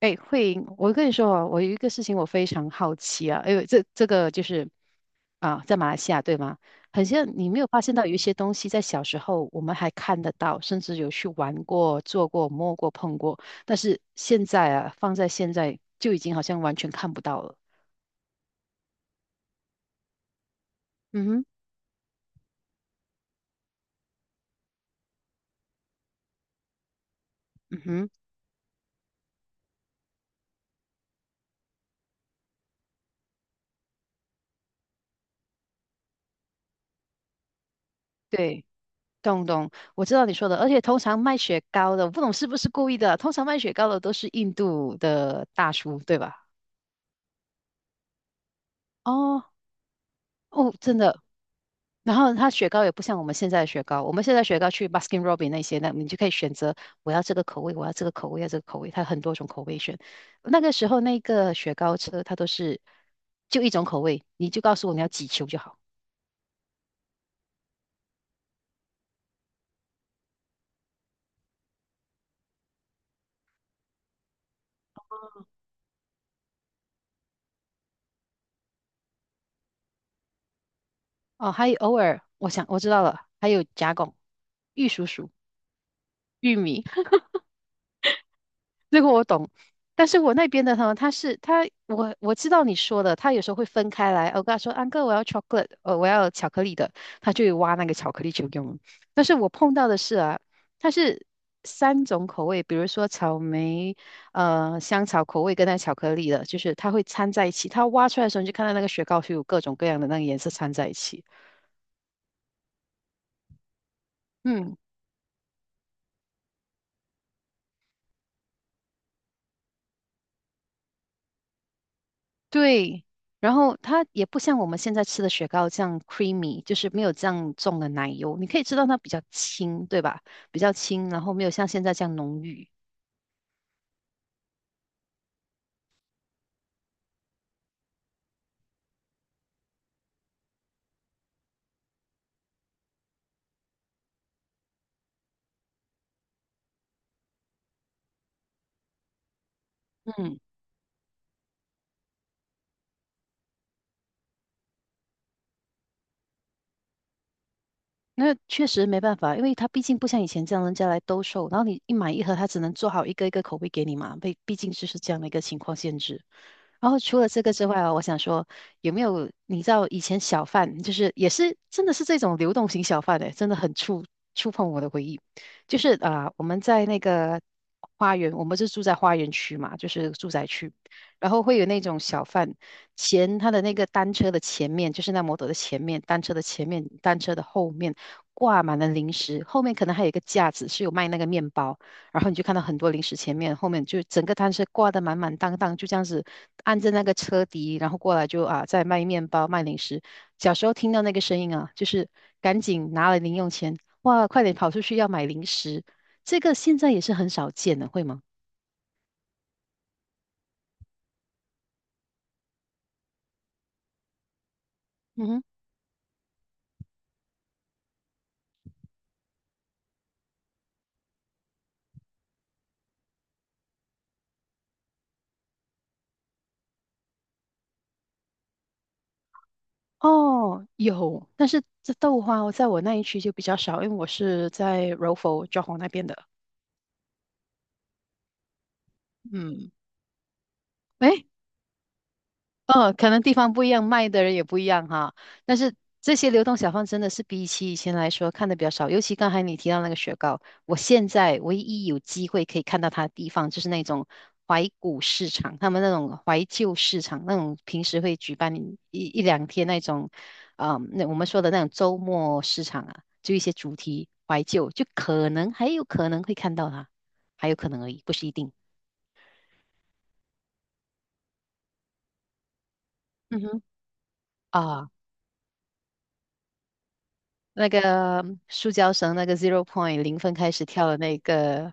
哎，慧莹，我跟你说哦，我有一个事情我非常好奇啊，这个就是啊，在马来西亚对吗？很像你没有发现到有一些东西在小时候我们还看得到，甚至有去玩过、做过、摸过、碰过，但是现在啊，放在现在就已经好像完全看不到了。嗯哼，嗯哼，对，懂懂，我知道你说的，而且通常卖雪糕的，我不懂是不是故意的，通常卖雪糕的都是印度的大叔，对吧？哦哦，真的。然后它雪糕也不像我们现在的雪糕，我们现在雪糕去 Baskin Robbins 那些，那你就可以选择我要这个口味，我要这个口味，要这个口味，它很多种口味选。那个时候那个雪糕车它都是就一种口味，你就告诉我你要几球就好。哦，还有偶尔我想我知道了，还有夹拱、玉蜀黍、玉米。这个我懂，但是我那边的呢，他是他，我知道你说的，他有时候会分开来。我跟他说，安哥，我要 chocolate，我要巧克力的，他就会挖那个巧克力球给我们。但是我碰到的是啊，它是三种口味，比如说草莓、香草口味跟那巧克力的，就是它会掺在一起。它挖出来的时候，你就看到那个雪糕是有各种各样的那个颜色掺在一起。嗯，对，然后它也不像我们现在吃的雪糕这样 creamy，就是没有这样重的奶油，你可以知道它比较轻，对吧？比较轻，然后没有像现在这样浓郁。嗯。那确实没办法，因为他毕竟不像以前这样人家来兜售，然后你一买一盒，他只能做好一个一个口味给你嘛，毕竟就是这样的一个情况限制。然后除了这个之外啊，我想说有没有你知道以前小贩就是也是真的是这种流动型小贩哎、真的很触碰我的回忆。就是啊、我们在那个花园，我们是住在花园区嘛，就是住宅区，然后会有那种小贩。他的那个单车的前面，就是那摩托的前面，单车的前面，单车的后面挂满了零食，后面可能还有一个架子是有卖那个面包，然后你就看到很多零食，前面后面就整个单车挂得满满当当，就这样子按着那个车底，然后过来就在卖面包卖零食。小时候听到那个声音啊，就是赶紧拿了零用钱，哇，快点跑出去要买零食，这个现在也是很少见的，会吗？嗯哼。哦，有，但是这豆花在我那一区就比较少，因为我是在柔佛、johor 那边的。嗯，哎，哦，可能地方不一样，卖的人也不一样哈。但是这些流动小贩真的是比起以前来说看的比较少，尤其刚才你提到那个雪糕，我现在唯一有机会可以看到它的地方就是那种怀古市场，他们那种怀旧市场，那种平时会举办一两天那种，嗯，那我们说的那种周末市场啊，就一些主题怀旧，就可能还有可能会看到它，还有可能而已，不是一定。嗯哼。啊。那个塑胶绳那个 zero point 零分开始跳的那个，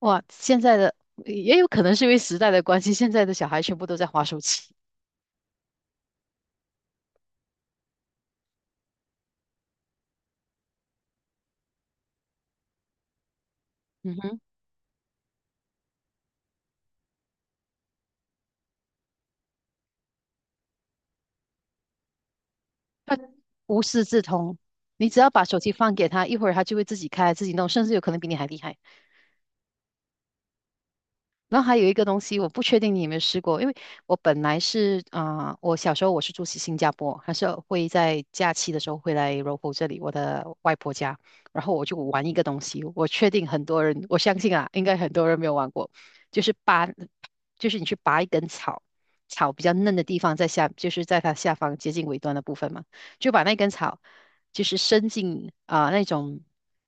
哇，现在的也有可能是因为时代的关系，现在的小孩全部都在滑手机，嗯哼，他无师自通。你只要把手机放给他，一会儿他就会自己开自己弄，甚至有可能比你还厉害。然后还有一个东西，我不确定你有没有试过，因为我本来是啊、我小时候我是住新加坡，还是会在假期的时候会来这里，我的外婆家，然后我就玩一个东西，我确定很多人，我相信啊，应该很多人没有玩过，就是拔，就是你去拔一根草，草比较嫩的地方在下，就是在它下方接近尾端的部分嘛，就把那根草就是伸进那种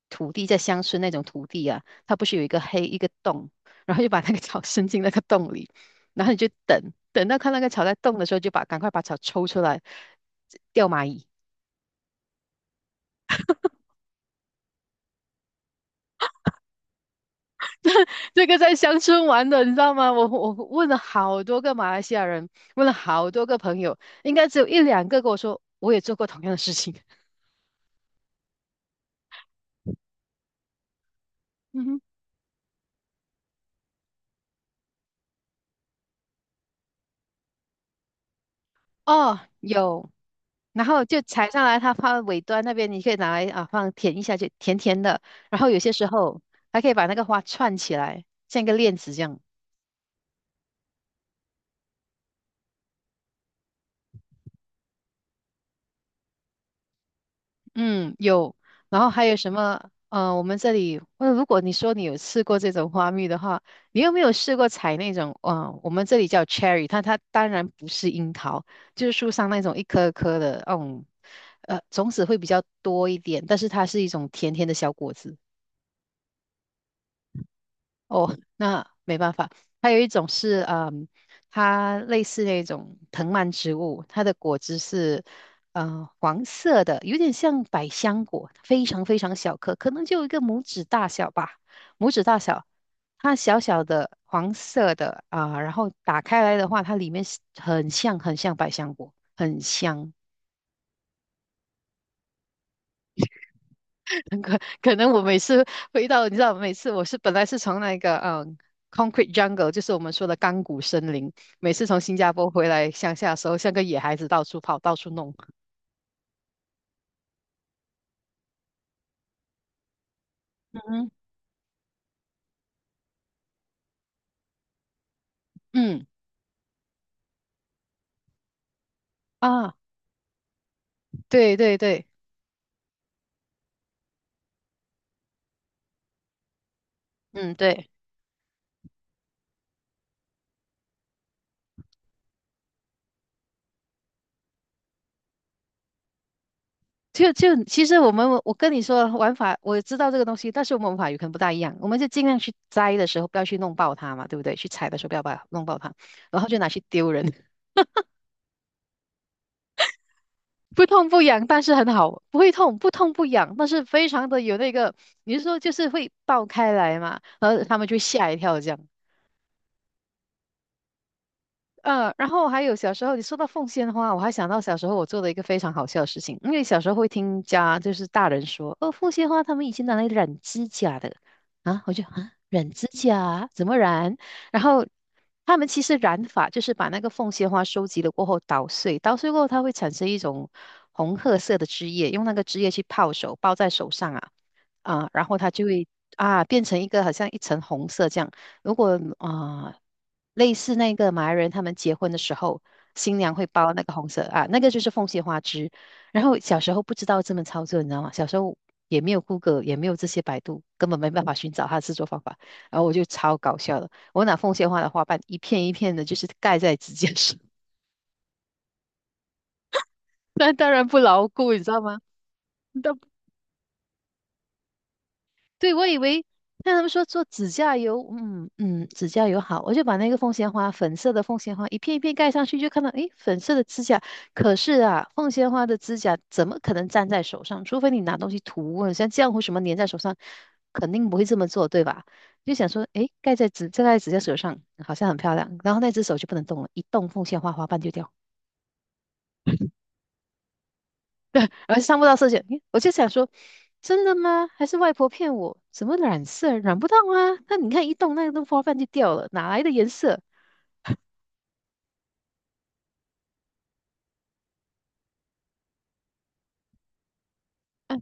土地，在乡村那种土地啊，它不是有一个黑一个洞。然后就把那个草伸进那个洞里，然后你就等，等到看那个草在动的时候，赶快把草抽出来，钓蚂蚁。这个在乡村玩的，你知道吗？我问了好多个马来西亚人，问了好多个朋友，应该只有一两个跟我说我也做过同样的事情。嗯哼，哦，有，然后就采上来，它放尾端那边，你可以拿来啊放舔一下，就甜甜的。然后有些时候还可以把那个花串起来，像一个链子这样。嗯，有，然后还有什么？我们这里，那如果你说你有吃过这种花蜜的话，你有没有试过采那种？嗯，我们这里叫 cherry，它当然不是樱桃，就是树上那种一颗颗的，种子会比较多一点，但是它是一种甜甜的小果子。哦，那没办法。还有一种是，它类似那种藤蔓植物，它的果汁是，黄色的，有点像百香果，非常非常小颗，可能就有一个拇指大小吧，拇指大小。它小小的黄色的啊，然后打开来的话，它里面是很像很像百香果，很香。可能我每次回到，你知道，每次本来是从那个concrete jungle，就是我们说的钢骨森林，每次从新加坡回来乡下的时候，像个野孩子到处跑，到处弄。嗯，嗯啊，对对对，嗯对，就其实我跟你说玩法，我知道这个东西，但是我们玩法有可能不大一样，我们就尽量去摘的时候不要去弄爆它嘛，对不对？去采的时候不要把它弄爆它，然后就拿去丢人。不痛不痒，但是很好，不会痛，不痛不痒，但是非常的有那个，你是说就是会爆开来嘛？然后他们就吓一跳这样。嗯，然后还有小时候，你说到奉仙花，我还想到小时候我做的一个非常好笑的事情，因为小时候会听家就是大人说，哦，奉仙花他们以前拿来染指甲的啊，我就染指甲怎么染？然后他们其实染法就是把那个凤仙花收集了过后捣碎，捣碎过后它会产生一种红褐色的汁液，用那个汁液去泡手，包在手上啊，然后它就会变成一个好像一层红色这样。如果啊、呃类似那个马来人他们结婚的时候，新娘会包那个红色啊，那个就是凤仙花枝。然后小时候不知道这么操作，你知道吗？小时候也没有 Google，也没有这些百度，根本没办法寻找它的制作方法。然后我就超搞笑的，我拿凤仙花的花瓣一片一片的，就是盖在指甲上，那当然不牢固，你知道吗？对，我以为那他们说做指甲油，嗯嗯，指甲油好，我就把那个凤仙花粉色的凤仙花一片一片盖上去，就看到诶，粉色的指甲。可是啊，凤仙花的指甲怎么可能粘在手上？除非你拿东西涂，像浆糊什么粘在手上，肯定不会这么做，对吧？就想说，诶，盖在指甲手上，好像很漂亮。然后那只手就不能动了，一动凤仙花花瓣就掉。而上不到色线，诶我就想说，真的吗？还是外婆骗我？怎么染色染不到啊？那你看一动，那个花瓣就掉了，哪来的颜色？啊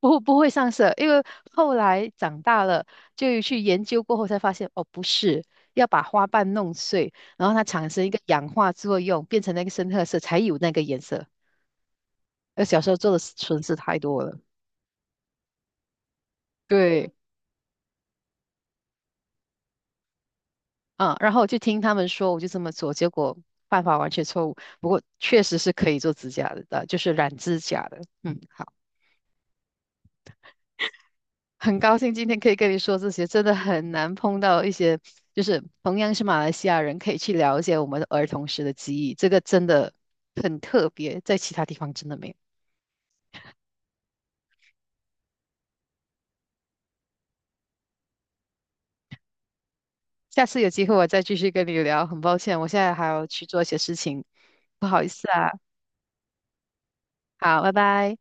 不会上色，因为后来长大了就去研究过后才发现，哦，不是，要把花瓣弄碎，然后它产生一个氧化作用，变成那个深褐色，才有那个颜色。而小时候做的蠢事太多了。对。嗯，然后我就听他们说，我就这么做，结果办法完全错误。不过确实是可以做指甲的，就是染指甲的。嗯，好，很高兴今天可以跟你说这些，真的很难碰到一些就是同样是马来西亚人，可以去了解我们的儿童时的记忆，这个真的很特别，在其他地方真的没有。下次有机会我再继续跟你聊，很抱歉，我现在还要去做一些事情，不好意思啊。好，拜拜。